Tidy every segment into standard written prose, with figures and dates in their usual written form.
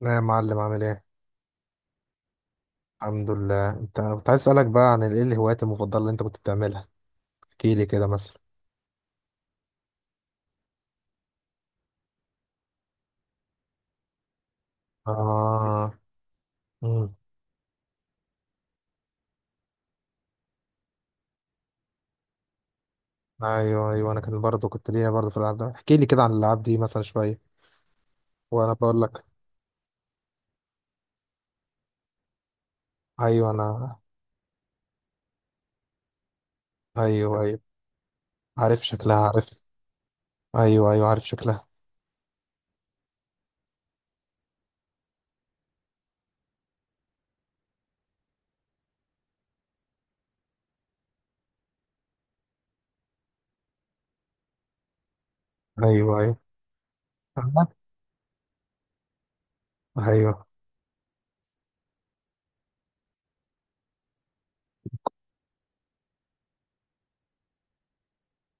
لا يا معلم، عامل ايه؟ الحمد لله. انت كنت عايز اسالك بقى عن ايه الهوايات المفضله اللي انت كنت بتعملها؟ احكي لي كده مثلا. اه. امم. ايوه، ايوه، انا كان برضه كنت ليا برضه في الالعاب، ده احكي لي كده عن الالعاب دي مثلا شويه. وانا بقول لك. ايوه، انا. ايوه، ايوه، عارف شكلها، عارف. ايوه، ايوه، عارف شكلها. ايوه، ايوه، ايوه،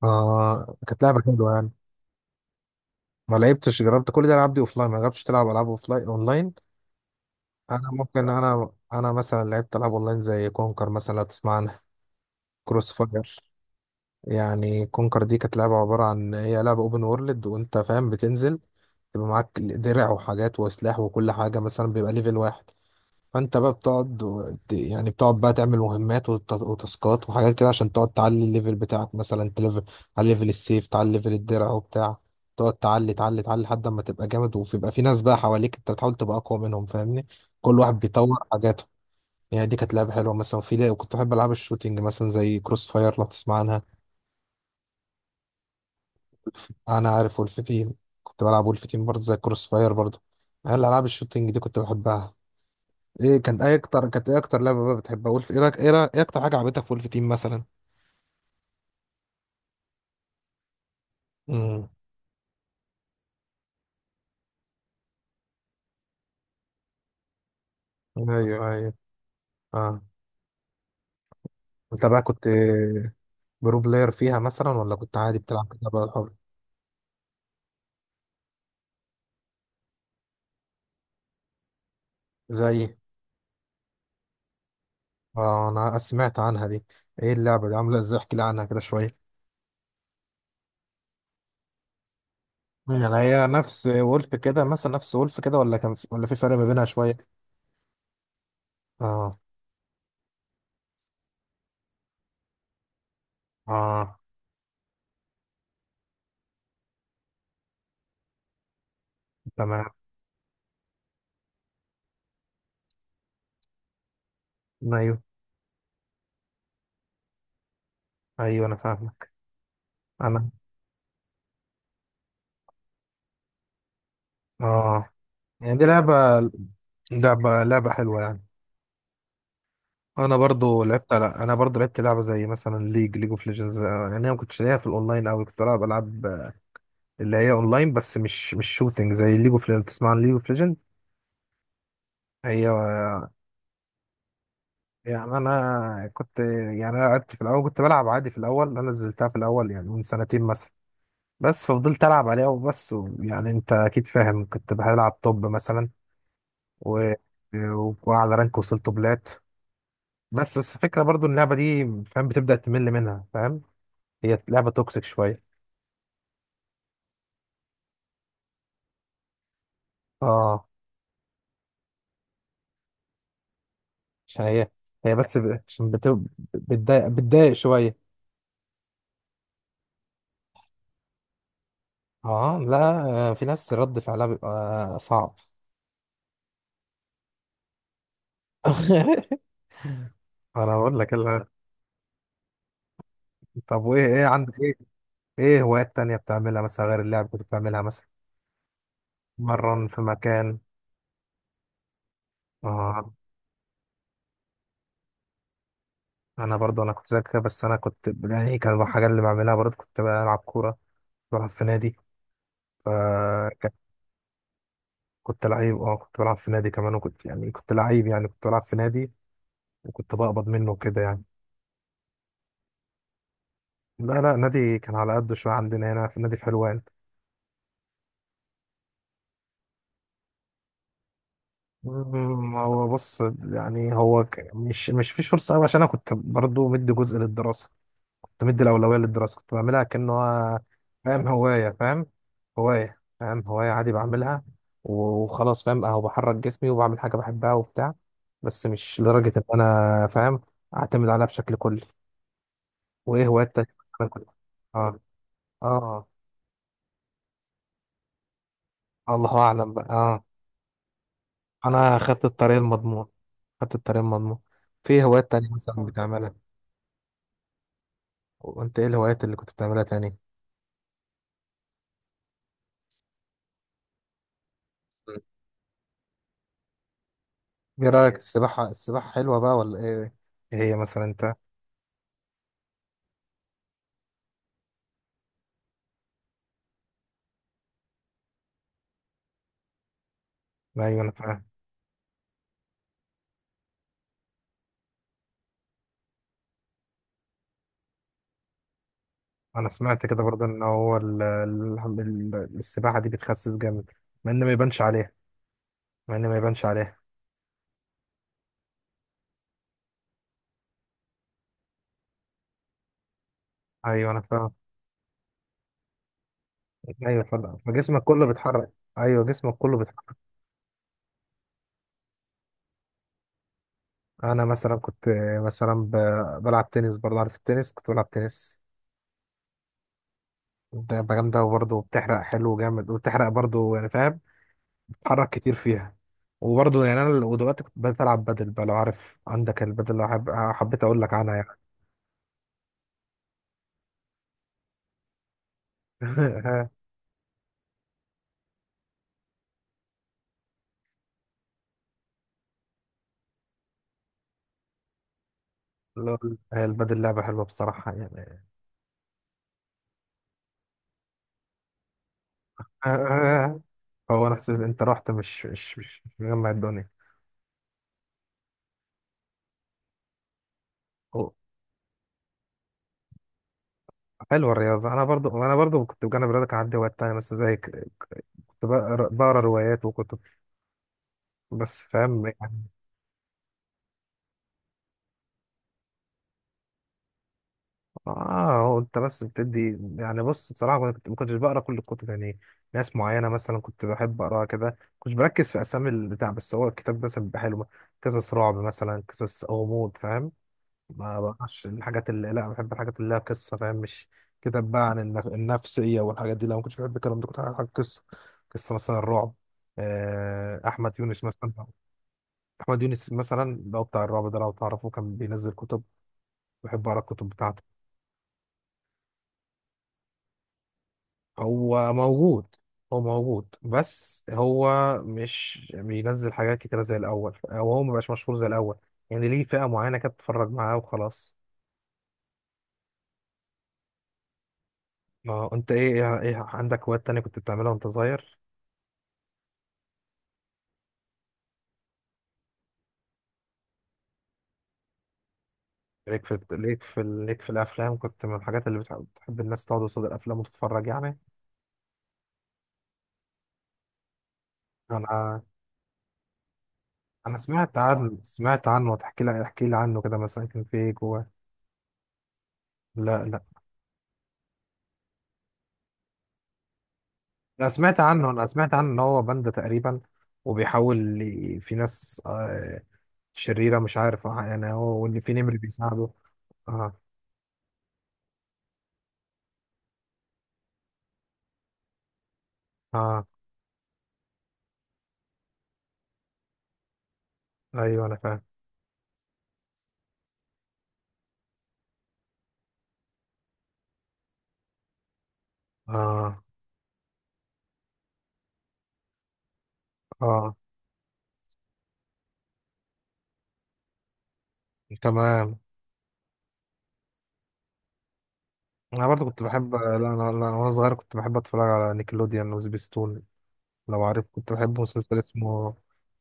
اه، كانت لعبه حلوه يعني. ما لعبتش، جربت كل دي الالعاب دي اوفلاين، ما جربتش تلعب العاب اوفلاين اونلاين؟ انا ممكن، انا مثلا لعبت العاب اونلاين زي كونكر مثلا، لو تسمع عنها. كروس فاير. يعني كونكر دي كانت لعبة عبارة عن، هي لعبة اوبن وورلد وانت فاهم، بتنزل يبقى معاك درع وحاجات وسلاح وكل حاجة، مثلا بيبقى ليفل واحد. فانت بقى يعني بتقعد بقى تعمل مهمات وتاسكات وحاجات كده عشان تقعد تعلي الليفل بتاعك، مثلا تليفل على ليفل السيف، تعلي ليفل الدرع وبتاع. تقعد تعلي تعلي تعلي لحد ما تبقى جامد، وبيبقى في ناس بقى حواليك انت بتحاول تبقى اقوى منهم، فاهمني؟ كل واحد بيطور حاجاته. يعني دي كانت لعبة حلوة مثلا، وفي كنت بحب العاب الشوتينج مثلا زي كروس فاير، لو تسمع عنها. انا عارف ولف تيم. كنت بلعب ولف تيم برضه زي كروس فاير برضه. انا العاب الشوتينج دي كنت بحبها. ايه كان ايه اكتر كانت ايه اكتر لعبه بقى بتحبها، ولف إيه اكتر حاجه عجبتك في ولف تيم مثلا؟ امم. ايوه، ايوه، اه، انت بقى كنت برو بلاير فيها مثلا، ولا كنت عادي بتلعب كده بقى الحر؟ زي. اه، انا سمعت عنها دي. ايه اللعبه دي عامله ازاي، احكي لي عنها كده شويه؟ يعني هي نفس وولف كده مثلا، نفس وولف كده، ولا كان في، ولا في فرق ما بينها شويه؟ اه، اه، تمام، ايوه، ايوه، انا فاهم. انا، اه، يعني دي لعبة حلوة يعني. انا برضو لعبت. لا، انا برضو لعبت لعبة زي مثلا ليج اوف ليجندز. يعني انا ما كنتش ليا في الاونلاين قوي، كنت بلعب العاب اللي هي اونلاين، بس مش شوتينج زي ليج اوف ليجندز. تسمع عن ليج اوف ليجند؟ هي يعني انا كنت يعني أنا لعبت في الاول، كنت بلعب عادي في الاول، انا نزلتها في الاول يعني من سنتين مثلا. بس ففضلت العب عليها وبس، يعني انت اكيد فاهم، كنت بلعب توب مثلا و... وعلى رانك وصلت بلات. بس الفكرة برضو إن اللعبة دي فاهم بتبدأ تمل منها، فاهم؟ هي لعبة توكسيك شوية. اه، عشان هي بتضايق شوية. اه، لا، في ناس رد فعلها بيبقى صعب. انا بقول لك لا. طب وايه، ايه عندك، ايه، ايه هوايات تانية بتعملها مثلا غير اللعب كنت بتعملها مثلا؟ مرن في مكان. اه، انا برضو. انا كنت زيك كده، بس انا كنت، يعني كان الحاجة اللي بعملها برضو كنت بلعب كورة، بلعب في نادي. ف كنت لعيب، اه، كنت بلعب في نادي كمان، وكنت يعني كنت لعيب، يعني كنت بلعب في نادي وكنت بقبض منه وكده يعني. لا، لا، نادي كان على قد شوية، عندنا هنا في نادي في حلوان. هو بص. يعني هو مش فيش فرصة أوي، عشان أنا كنت برضو مدي جزء للدراسة، كنت مدي الأولوية للدراسة، كنت بعملها كأنه فاهم هواية فاهم فاهم هواية عادي بعملها وخلاص، فاهم، أهو بحرك جسمي وبعمل حاجة بحبها وبتاع، بس مش لدرجة إن أنا فاهم أعتمد عليها بشكل كلي. وايه هوايات تانية؟ انا كنت. اه، اه، الله اعلم بقى، اه. انا خدت الطريق المضمون. خدت الطريق المضمون. في هوايات تانية مثلا بتعملها؟ وانت ايه الهوايات اللي كنت بتعملها تاني؟ مم. ايه رايك، السباحه، حلوه بقى ولا ايه؟ ايه هي مثلا انت؟ ايوه، انا فاهم. انا سمعت كده برضه ان هو السباحه دي بتخسس جامد، مع ان ما يبانش عليها. مع ان ما يبانش عليها. ايوه، انا فاهم. ايوه، فاهم، فجسمك كله بيتحرك. ايوه، جسمك كله بيتحرك. انا مثلا كنت، مثلا بلعب تنس برضه، عارف التنس، كنت بلعب تنس. ده جامده، وبرضه بتحرق حلو جامد، وبتحرق برضه يعني فاهم، بتتحرك كتير فيها. وبرضه يعني انا، ودلوقتي كنت بدأت العب بدل بقى، لو عارف عندك البدل، لو حبيت اقول لك عنها يعني. لول. هي البدل لعبه حلوه بصراحه يعني. هو نفس اللي انت رحت، مش مجمع الدنيا. هو- حلوه الرياضه. انا برضو، كنت بجانب الرياضه كان عندي هوايات تانية بس زيك، كنت بقرا روايات وكتب، بس فاهم. اه، هو انت بس بتدي، يعني بص بصراحه، ما كنتش بقرا كل الكتب يعني. ناس معينه مثلا كنت بحب اقراها كده، كنتش بركز في اسامي البتاع، بس هو الكتاب مثلا بيبقى حلو. قصص رعب مثلا، قصص غموض فاهم. ما بقراش الحاجات اللي، لا بحب الحاجات اللي لها قصه، فاهم؟ مش كتاب بقى عن النفسيه والحاجات دي، لا، ما كنتش بحب الكلام ده، كنت بحب حاجه قصه. قصه مثلا الرعب. احمد يونس مثلا. احمد يونس مثلا لو بتاع الرعب ده لو تعرفه، كان بينزل كتب، بحب اقرا الكتب بتاعته. هو موجود. هو موجود، بس هو مش بينزل حاجات كتيرة زي الأول، أو هو مبقاش مشهور زي الأول. يعني ليه فئة معينة كده بتتفرج معاه وخلاص. ما هو أنت إيه؟ إيه عندك هوايات تانية كنت بتعملها وأنت صغير؟ ليك في الأفلام، كنت من الحاجات اللي بتحب الناس تقعد قصاد الأفلام وتتفرج يعني. أنا أنا سمعت عنه، سمعت عنه، تحكي لي احكي لي عنه كده، مثلا كان في إيه جوه؟ لا، لا، أنا سمعت عنه إن هو باندا تقريبا، وبيحاول في ناس شريرة، مش عارف يعني هو، وإن في نمر بيساعده. اه، اه، أيوه أنا فاهم. اه، اه، تمام. أنا برضه كنت بحب. لا، أنا لا أنا وأنا صغير كنت بحب أتفرج على نيكلوديان وسبيستون، لو عارف. كنت بحب مسلسل اسمه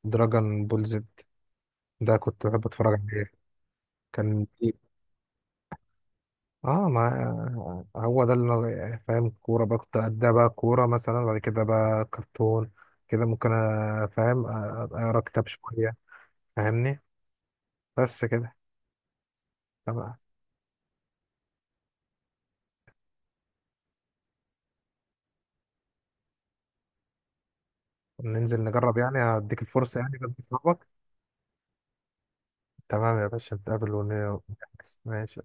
دراجون بول زد، ده كنت بحب أتفرج عليه. كان في- اه، ما، هو ده اللي أنا فاهم، كورة بقى كنت أديها، بقى كورة مثلا، بعد كده بقى كرتون كده، ممكن فاهم، أقرا كتاب شوية. فاهمني، بس كده. تمام، ننزل نجرب يعني، هديك الفرصة يعني جنب صحابك. تمام يا باشا، نتقابل ونحجز، ماشي.